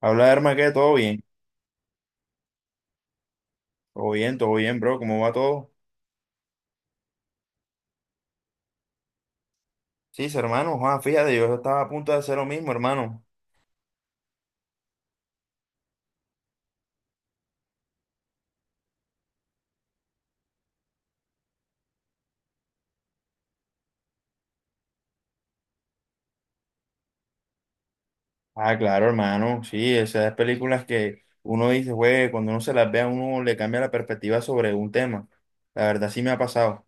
Habla, hermano, que todo bien. Todo bien, todo bien, bro. ¿Cómo va todo? Sí, sí, hermano. Juan, fíjate, yo estaba a punto de hacer lo mismo, hermano. Ah, claro, hermano. Sí, esas películas que uno dice, güey, cuando uno se las ve a uno le cambia la perspectiva sobre un tema. La verdad, sí me ha pasado.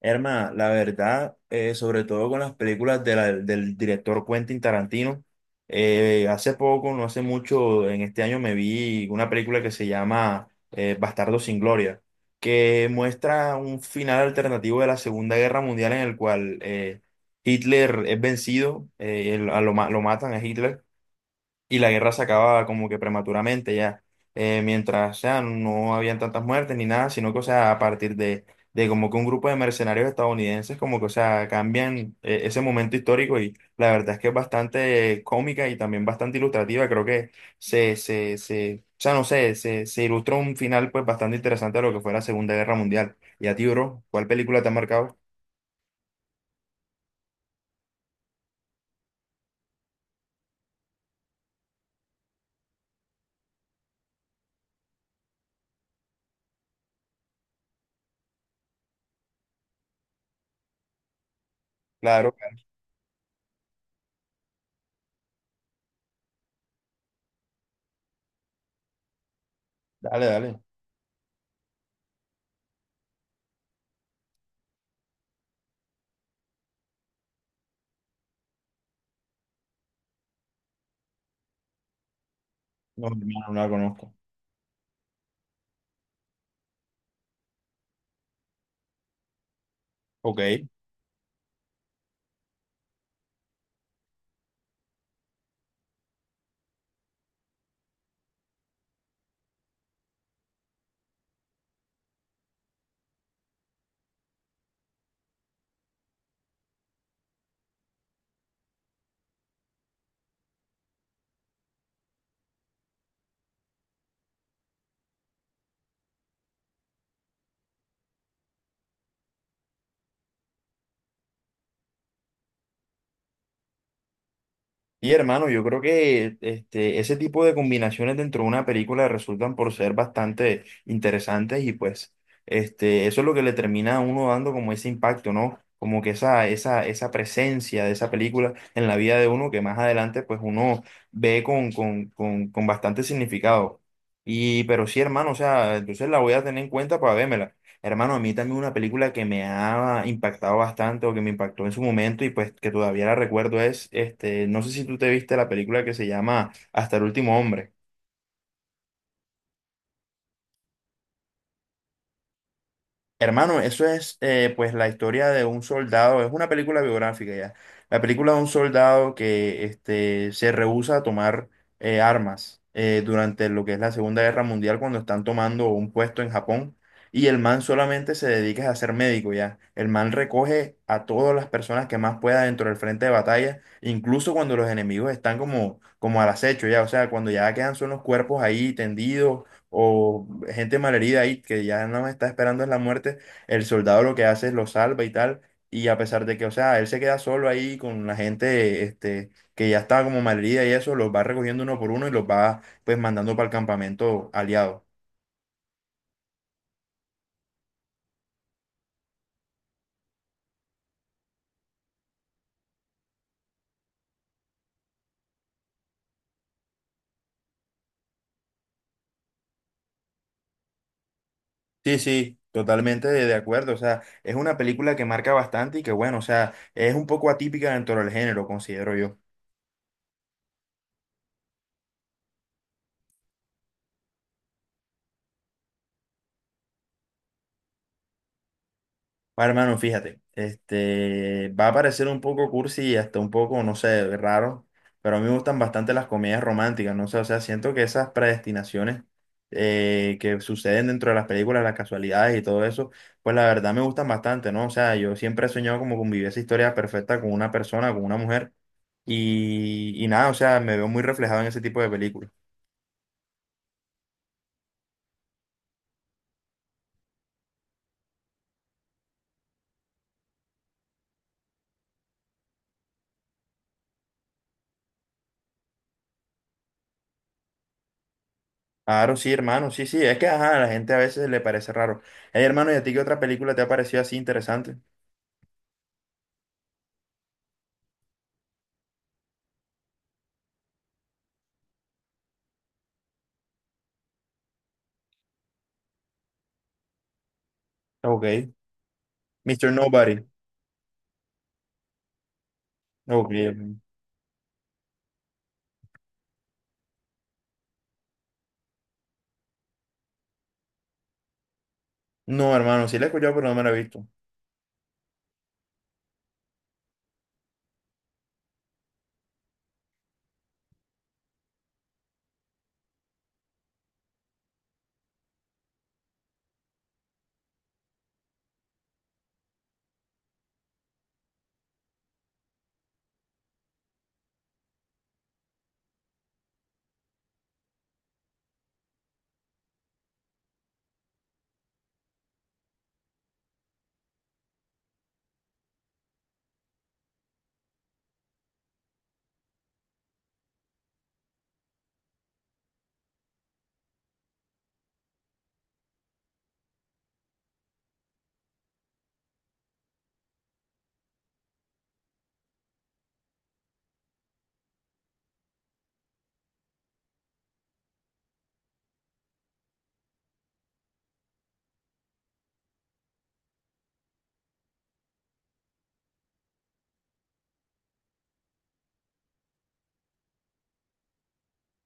Herma, la verdad, sobre todo con las películas de del director Quentin Tarantino. Eh, hace poco, no hace mucho, en este año me vi una película que se llama Bastardo sin Gloria, que muestra un final alternativo de la Segunda Guerra Mundial, en el cual Hitler es vencido. Lo matan a Hitler y la guerra se acababa como que prematuramente ya. Mientras, o sea, no habían tantas muertes ni nada, sino que, o sea, a partir de como que un grupo de mercenarios estadounidenses, como que, o sea, cambian ese momento histórico, y la verdad es que es bastante cómica y también bastante ilustrativa. Creo que o sea, no sé, se ilustró un final pues bastante interesante a lo que fue la Segunda Guerra Mundial. Y a ti, bro, ¿cuál película te ha marcado? Claro, dale, dale. No, hermano, no la conozco. Ok. Y hermano, yo creo que este, ese tipo de combinaciones dentro de una película resultan por ser bastante interesantes, y pues este, eso es lo que le termina a uno dando como ese impacto, ¿no? Como que esa presencia de esa película en la vida de uno que más adelante pues uno ve con bastante significado. Y pero sí, hermano, o sea, entonces la voy a tener en cuenta para vérmela. Hermano, a mí también una película que me ha impactado bastante, o que me impactó en su momento y pues que todavía la recuerdo es, este, no sé si tú te viste la película que se llama Hasta el último hombre. Hermano, eso es pues la historia de un soldado, es una película biográfica ya, la película de un soldado que este, se rehúsa a tomar armas durante lo que es la Segunda Guerra Mundial, cuando están tomando un puesto en Japón, y el man solamente se dedica a ser médico ya. El man recoge a todas las personas que más pueda dentro del frente de batalla, incluso cuando los enemigos están como al acecho ya, o sea, cuando ya quedan son los cuerpos ahí tendidos o gente malherida ahí que ya no está esperando es la muerte. El soldado lo que hace es lo salva y tal, y a pesar de que, o sea, él se queda solo ahí con la gente este, que ya estaba como malherida y eso, los va recogiendo uno por uno y los va pues mandando para el campamento aliado. Sí, sí. Totalmente de acuerdo, o sea, es una película que marca bastante y que bueno, o sea, es un poco atípica dentro del género, considero yo. Bueno, hermano, fíjate, este, va a parecer un poco cursi y hasta un poco, no sé, raro, pero a mí me gustan bastante las comedias románticas, no sé, o sea, siento que esas predestinaciones que suceden dentro de las películas, las casualidades y todo eso, pues la verdad me gustan bastante, ¿no? O sea, yo siempre he soñado como con vivir esa historia perfecta con una persona, con una mujer, y nada, o sea, me veo muy reflejado en ese tipo de películas. Claro, sí, hermano, sí, sí, es que, ajá, a la gente a veces le parece raro. Hey, hermano, ¿y a ti qué otra película te ha parecido así interesante? Ok. Mr. Nobody. Ok, ok. No, hermano, sí la he escuchado, pero no me la he visto.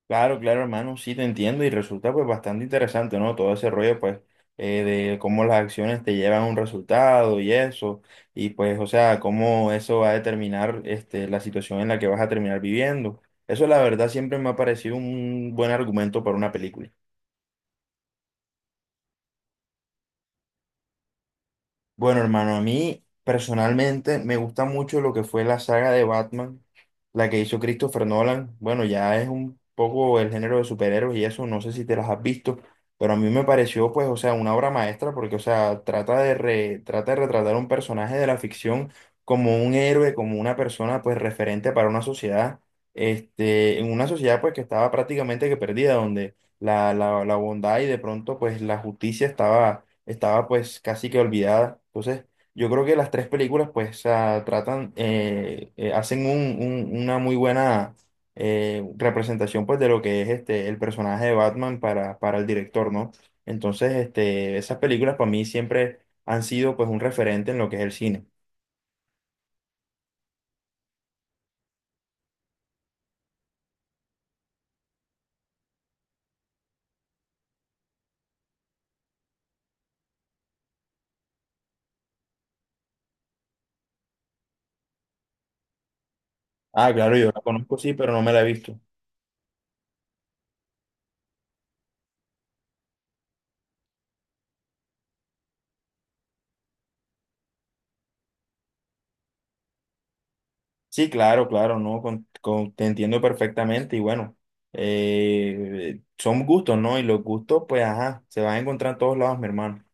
Claro, claro, hermano, sí te entiendo, y resulta pues bastante interesante, ¿no? Todo ese rollo pues eh, de cómo las acciones te llevan a un resultado y eso, y pues, o sea, cómo eso va a determinar este, la situación en la que vas a terminar viviendo. Eso la verdad siempre me ha parecido un buen argumento para una película. Bueno, hermano, a mí personalmente me gusta mucho lo que fue la saga de Batman, la que hizo Christopher Nolan. Bueno, ya es un poco el género de superhéroes y eso, no sé si te las has visto, pero a mí me pareció, pues, o sea, una obra maestra porque, o sea, trata de retratar un personaje de la ficción como un héroe, como una persona, pues, referente para una sociedad, este, en una sociedad, pues, que estaba prácticamente que perdida, donde la bondad y de pronto, pues, la justicia estaba pues casi que olvidada. Entonces, yo creo que las tres películas pues ah, tratan, hacen una muy buena representación pues de lo que es este, el personaje de Batman para el director, ¿no? Entonces, este, esas películas para mí siempre han sido pues un referente en lo que es el cine. Ah, claro, yo la conozco, sí, pero no me la he visto. Sí, claro, claro, no, te entiendo perfectamente y bueno, son gustos, ¿no? Y los gustos, pues, ajá, se van a encontrar en todos lados, mi hermano.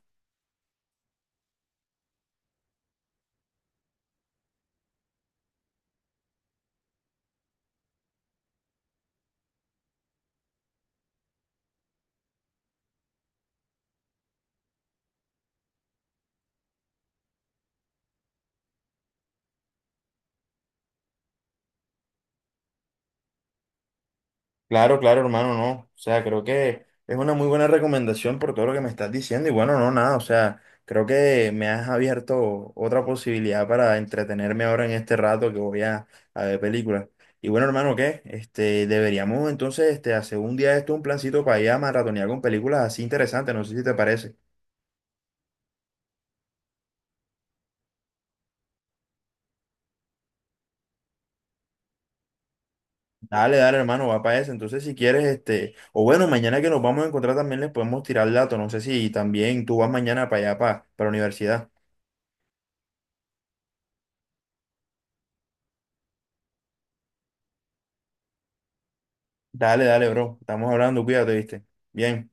Claro, claro, hermano, no. O sea, creo que es una muy buena recomendación por todo lo que me estás diciendo. Y bueno, no, nada. O sea, creo que me has abierto otra posibilidad para entretenerme ahora en este rato que voy a ver películas. Y bueno, hermano, ¿qué? Este, deberíamos entonces este, hacer un día de esto, un plancito para ir a maratonear con películas así interesantes. No sé si te parece. Dale, dale, hermano, va para eso. Entonces, si quieres, este, o bueno, mañana que nos vamos a encontrar también les podemos tirar el dato. No sé si también tú vas mañana para allá, para la universidad. Dale, dale, bro. Estamos hablando, cuídate, viste. Bien.